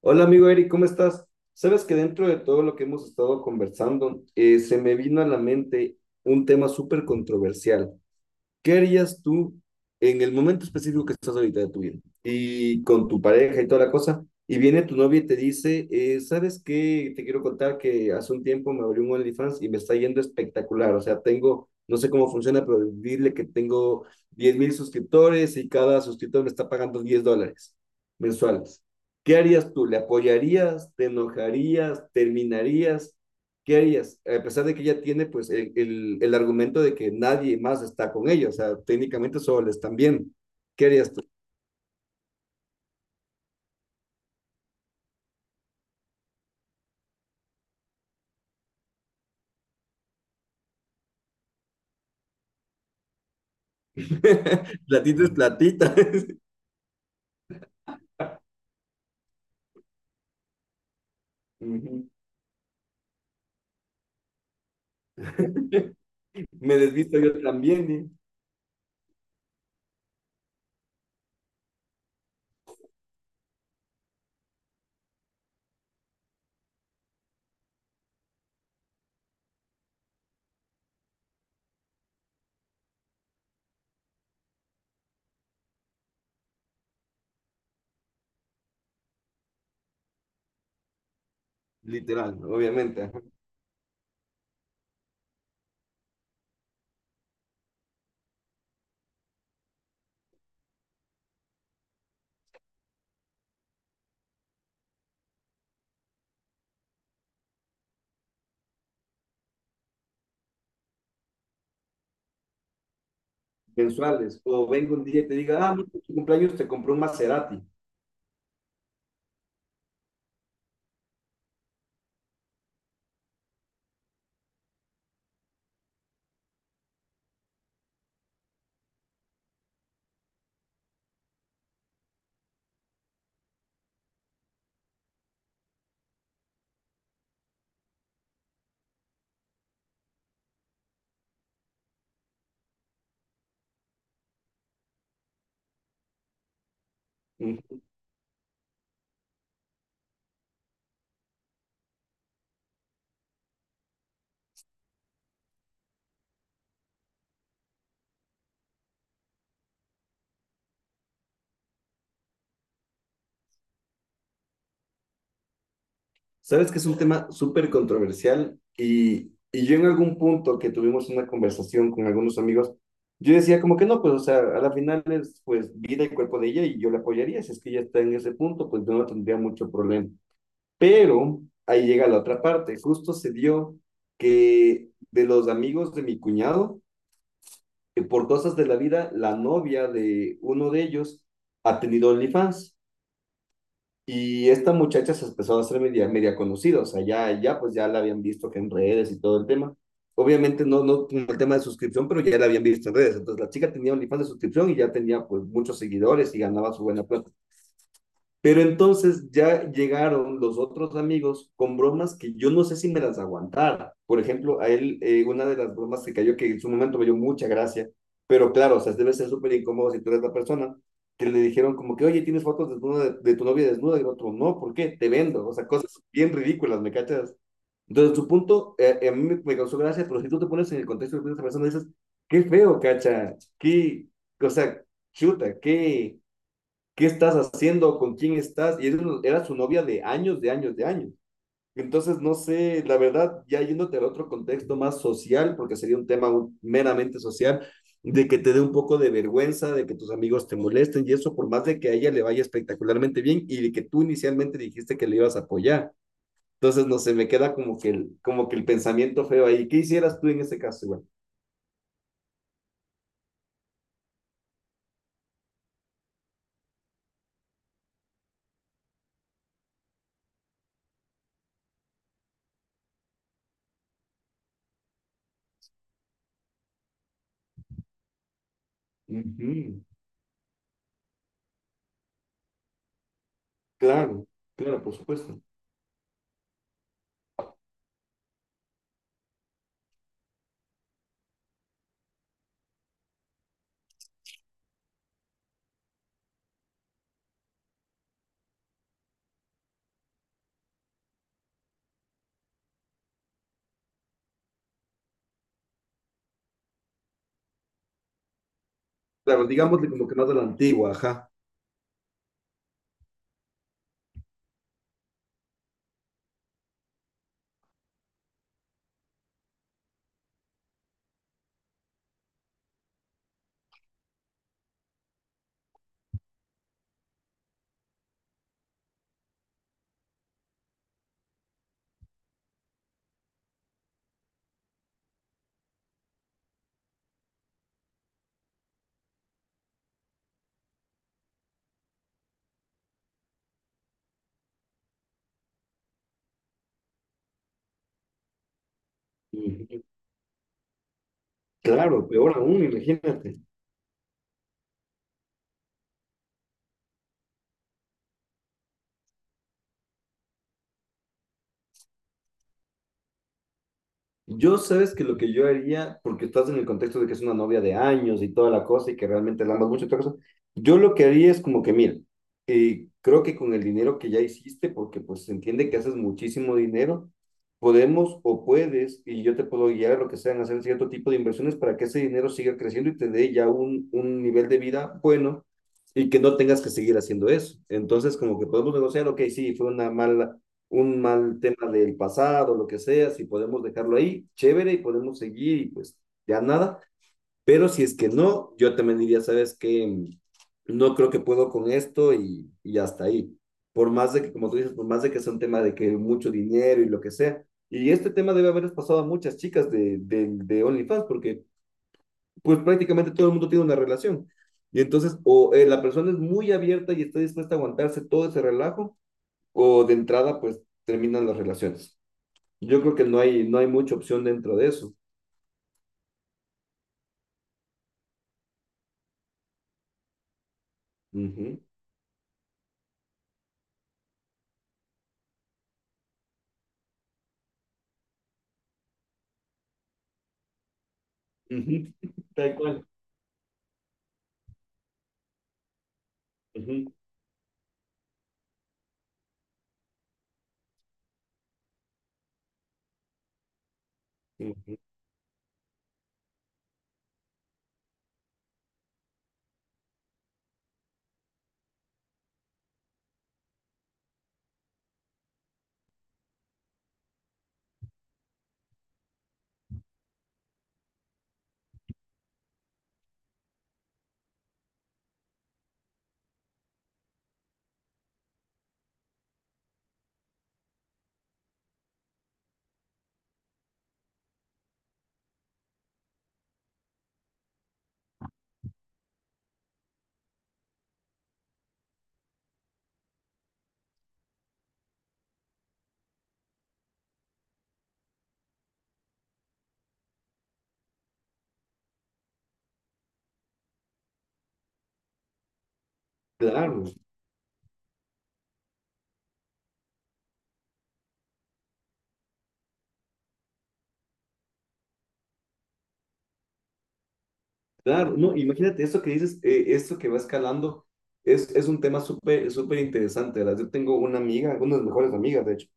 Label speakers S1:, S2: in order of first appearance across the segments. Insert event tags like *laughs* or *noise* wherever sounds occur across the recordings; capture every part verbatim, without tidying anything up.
S1: Hola amigo Eric, ¿cómo estás? Sabes que dentro de todo lo que hemos estado conversando, eh, se me vino a la mente un tema súper controversial. ¿Qué harías tú en el momento específico que estás ahorita de tu vida? Y con tu pareja y toda la cosa. Y viene tu novia y te dice, eh, ¿sabes qué? Te quiero contar que hace un tiempo me abrí un OnlyFans y me está yendo espectacular. O sea, tengo, no sé cómo funciona, pero dile que tengo diez mil suscriptores y cada suscriptor me está pagando diez dólares mensuales. ¿Qué harías tú? ¿Le apoyarías? ¿Te enojarías? ¿Terminarías? ¿Qué harías? A pesar de que ella tiene pues el, el, el argumento de que nadie más está con ella, o sea, técnicamente solo le están viendo. ¿Qué harías tú? *laughs* Platita es platita. *laughs* Me desvisto yo también, y- literal, obviamente. Mensuales. O vengo un día y te diga, ah, mira, tu cumpleaños te compró un Maserati. Sabes que es un tema súper controversial y, y yo en algún punto que tuvimos una conversación con algunos amigos, yo decía como que no, pues o sea, a la final es pues vida y cuerpo de ella y yo la apoyaría, si es que ella está en ese punto, pues yo no tendría mucho problema. Pero ahí llega la otra parte, justo se dio que de los amigos de mi cuñado, que por cosas de la vida, la novia de uno de ellos ha tenido OnlyFans. Y esta muchacha se empezó a hacer media, media conocida, o sea, ya, ya, pues ya la habían visto que en redes y todo el tema. Obviamente no, no con el tema de suscripción, pero ya la habían visto en redes. Entonces la chica tenía OnlyFans de suscripción y ya tenía pues muchos seguidores y ganaba su buena plata. Pero entonces ya llegaron los otros amigos con bromas que yo no sé si me las aguantara. Por ejemplo, a él, eh, una de las bromas que cayó, que en su momento me dio mucha gracia, pero claro, o sea, debe ser súper incómodo si tú eres la persona, que le dijeron como que, oye, ¿tienes fotos desnuda de, de tu novia desnuda? Y el otro, no, ¿por qué? Te vendo. O sea, cosas bien ridículas, ¿me cachas? Entonces, su punto, eh, eh, a mí me, me causó gracia, pero si tú te pones en el contexto de esa persona, dices, qué feo, cacha, qué, o sea, chuta, qué qué estás haciendo, con quién estás, y era, su novia de años, de años, de años. Entonces, no sé, la verdad, ya yéndote al otro contexto más social, porque sería un tema meramente social, de que te dé un poco de vergüenza, de que tus amigos te molesten y eso, por más de que a ella le vaya espectacularmente bien y de que tú inicialmente dijiste que le ibas a apoyar. Entonces, no sé, me queda como que el, como que el pensamiento feo ahí. ¿Qué hicieras tú en ese caso, igual? Ujú. Claro, claro, por supuesto. Claro, digámosle como que más de la antigua, ajá. Ujú. Claro, peor aún, imagínate. Yo sabes que lo que yo haría, porque estás en el contexto de que es una novia de años y toda la cosa y que realmente la amas mucho y toda la cosa, yo lo que haría es como que, mira, eh, creo que con el dinero que ya hiciste, porque pues se entiende que haces muchísimo dinero, podemos o puedes, y yo te puedo guiar a lo que sean, hacer cierto tipo de inversiones para que ese dinero siga creciendo y te dé ya un, un nivel de vida bueno y que no tengas que seguir haciendo eso. Entonces, como que podemos negociar, ok, sí, fue una mala un mal tema del pasado, lo que sea, si podemos dejarlo ahí, chévere y podemos seguir y pues ya nada. Pero si es que no, yo también diría, sabes que no creo que puedo con esto y, y hasta ahí. Por más de que, como tú dices, por más de que sea un tema de que mucho dinero y lo que sea. Y este tema debe haberles pasado a muchas chicas de, de, de OnlyFans porque pues prácticamente todo el mundo tiene una relación. Y entonces o eh, la persona es muy abierta y está dispuesta a aguantarse todo ese relajo o de entrada pues terminan las relaciones. Yo creo que no hay, no hay mucha opción dentro de eso. Ujú, ujú. *laughs* Tal cual. Ujú, ujú. Claro. Claro, no, imagínate, esto que dices, eh, esto que va escalando, es, es un tema súper, súper interesante, ¿verdad? Yo tengo una amiga, una de mis mejores amigas, de hecho,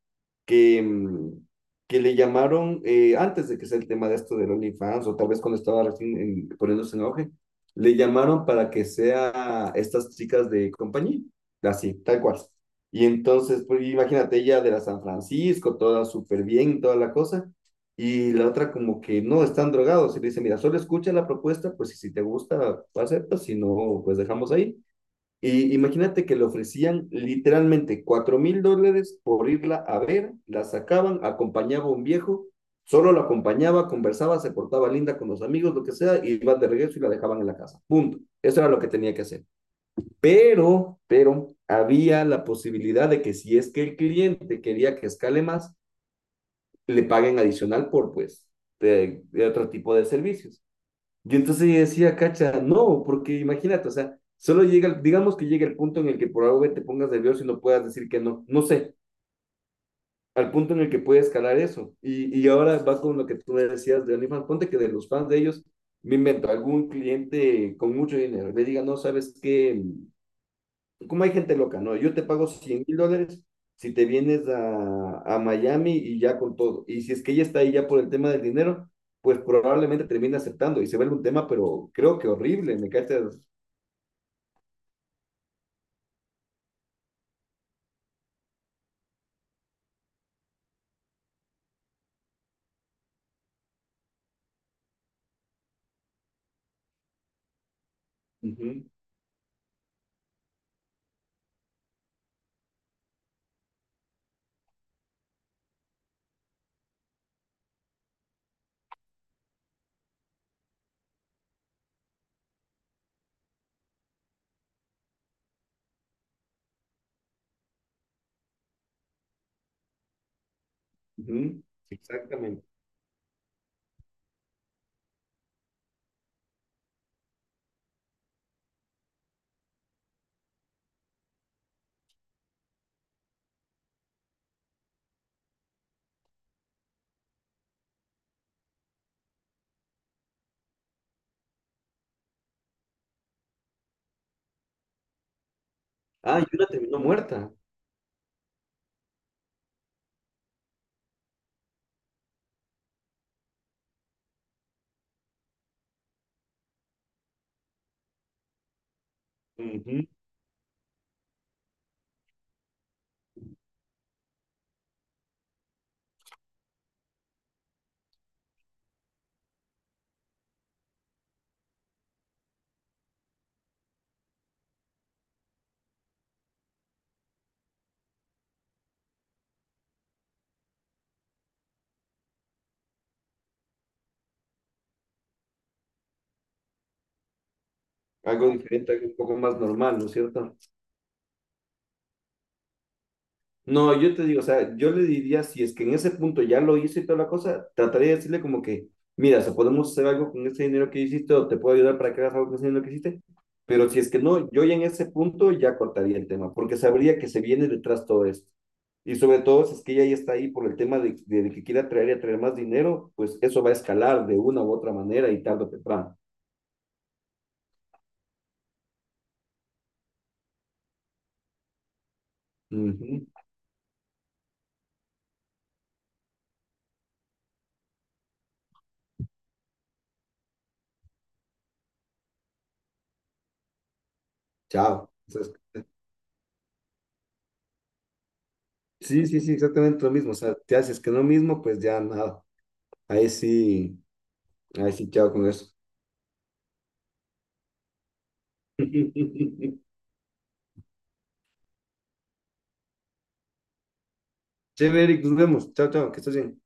S1: que, mm, que le llamaron, eh, antes de que sea el tema de esto del OnlyFans, o tal vez cuando estaba recién en- poniéndose en auge, le llamaron para que sea estas chicas de compañía, así, tal cual. Y entonces, pues imagínate, ella de la San Francisco, toda súper bien, toda la cosa, y la otra como que no, están drogados. Y le dice, mira, solo escucha la propuesta, pues y si te gusta, aceptas, si no, pues dejamos ahí. Y imagínate que le ofrecían literalmente cuatro mil dólares por irla a ver, la sacaban, acompañaba a un viejo, solo la acompañaba, conversaba, se portaba linda con los amigos, lo que sea, y iban de regreso y la dejaban en la casa. Punto. Eso era lo que tenía que hacer. Pero, pero, había la posibilidad de que si es que el cliente quería que escale más, le paguen adicional por, pues, de, de otro tipo de servicios. Y entonces yo decía, cacha, no, porque imagínate, o sea, solo llega, digamos que llega el punto en el que por algo te pongas nervioso y no puedas decir que no, no sé, al punto en el que puede escalar eso. Y, y ahora va con lo que tú me decías de OnlyFans, ponte que de los fans de ellos, me invento algún cliente con mucho dinero, le diga, no, sabes qué como hay gente loca, ¿no? Yo te pago cien mil dólares si te vienes a, a Miami y ya con todo. Y si es que ella está ahí ya por el tema del dinero, pues probablemente termine aceptando y se vuelve un tema, pero creo que horrible, ¿me cachas? Ujú, ujú, exactamente. Ah, y una terminó muerta. Ujú. Algo diferente, algo un poco más normal, ¿no es cierto? No, yo te digo, o sea, yo le diría, si es que en ese punto ya lo hice y toda la cosa, trataría de decirle como que, mira, si podemos hacer algo con ese dinero que hiciste o te puedo ayudar para que hagas algo con ese dinero que hiciste, pero si es que no, yo ya en ese punto ya cortaría el tema, porque sabría que se viene detrás todo esto. Y sobre todo, si es que ella ya está ahí por el tema de, de que quiera traer y atraer más dinero, pues eso va a escalar de una u otra manera y tarde o temprano. Ujú. Chao. Entonces, sí, sí, sí, exactamente lo mismo. O sea, te haces que no mismo, pues ya nada. Ahí sí. Así, chao con eso. *laughs* Chévere, Eric, nos vemos. Chao, chao, que estés bien.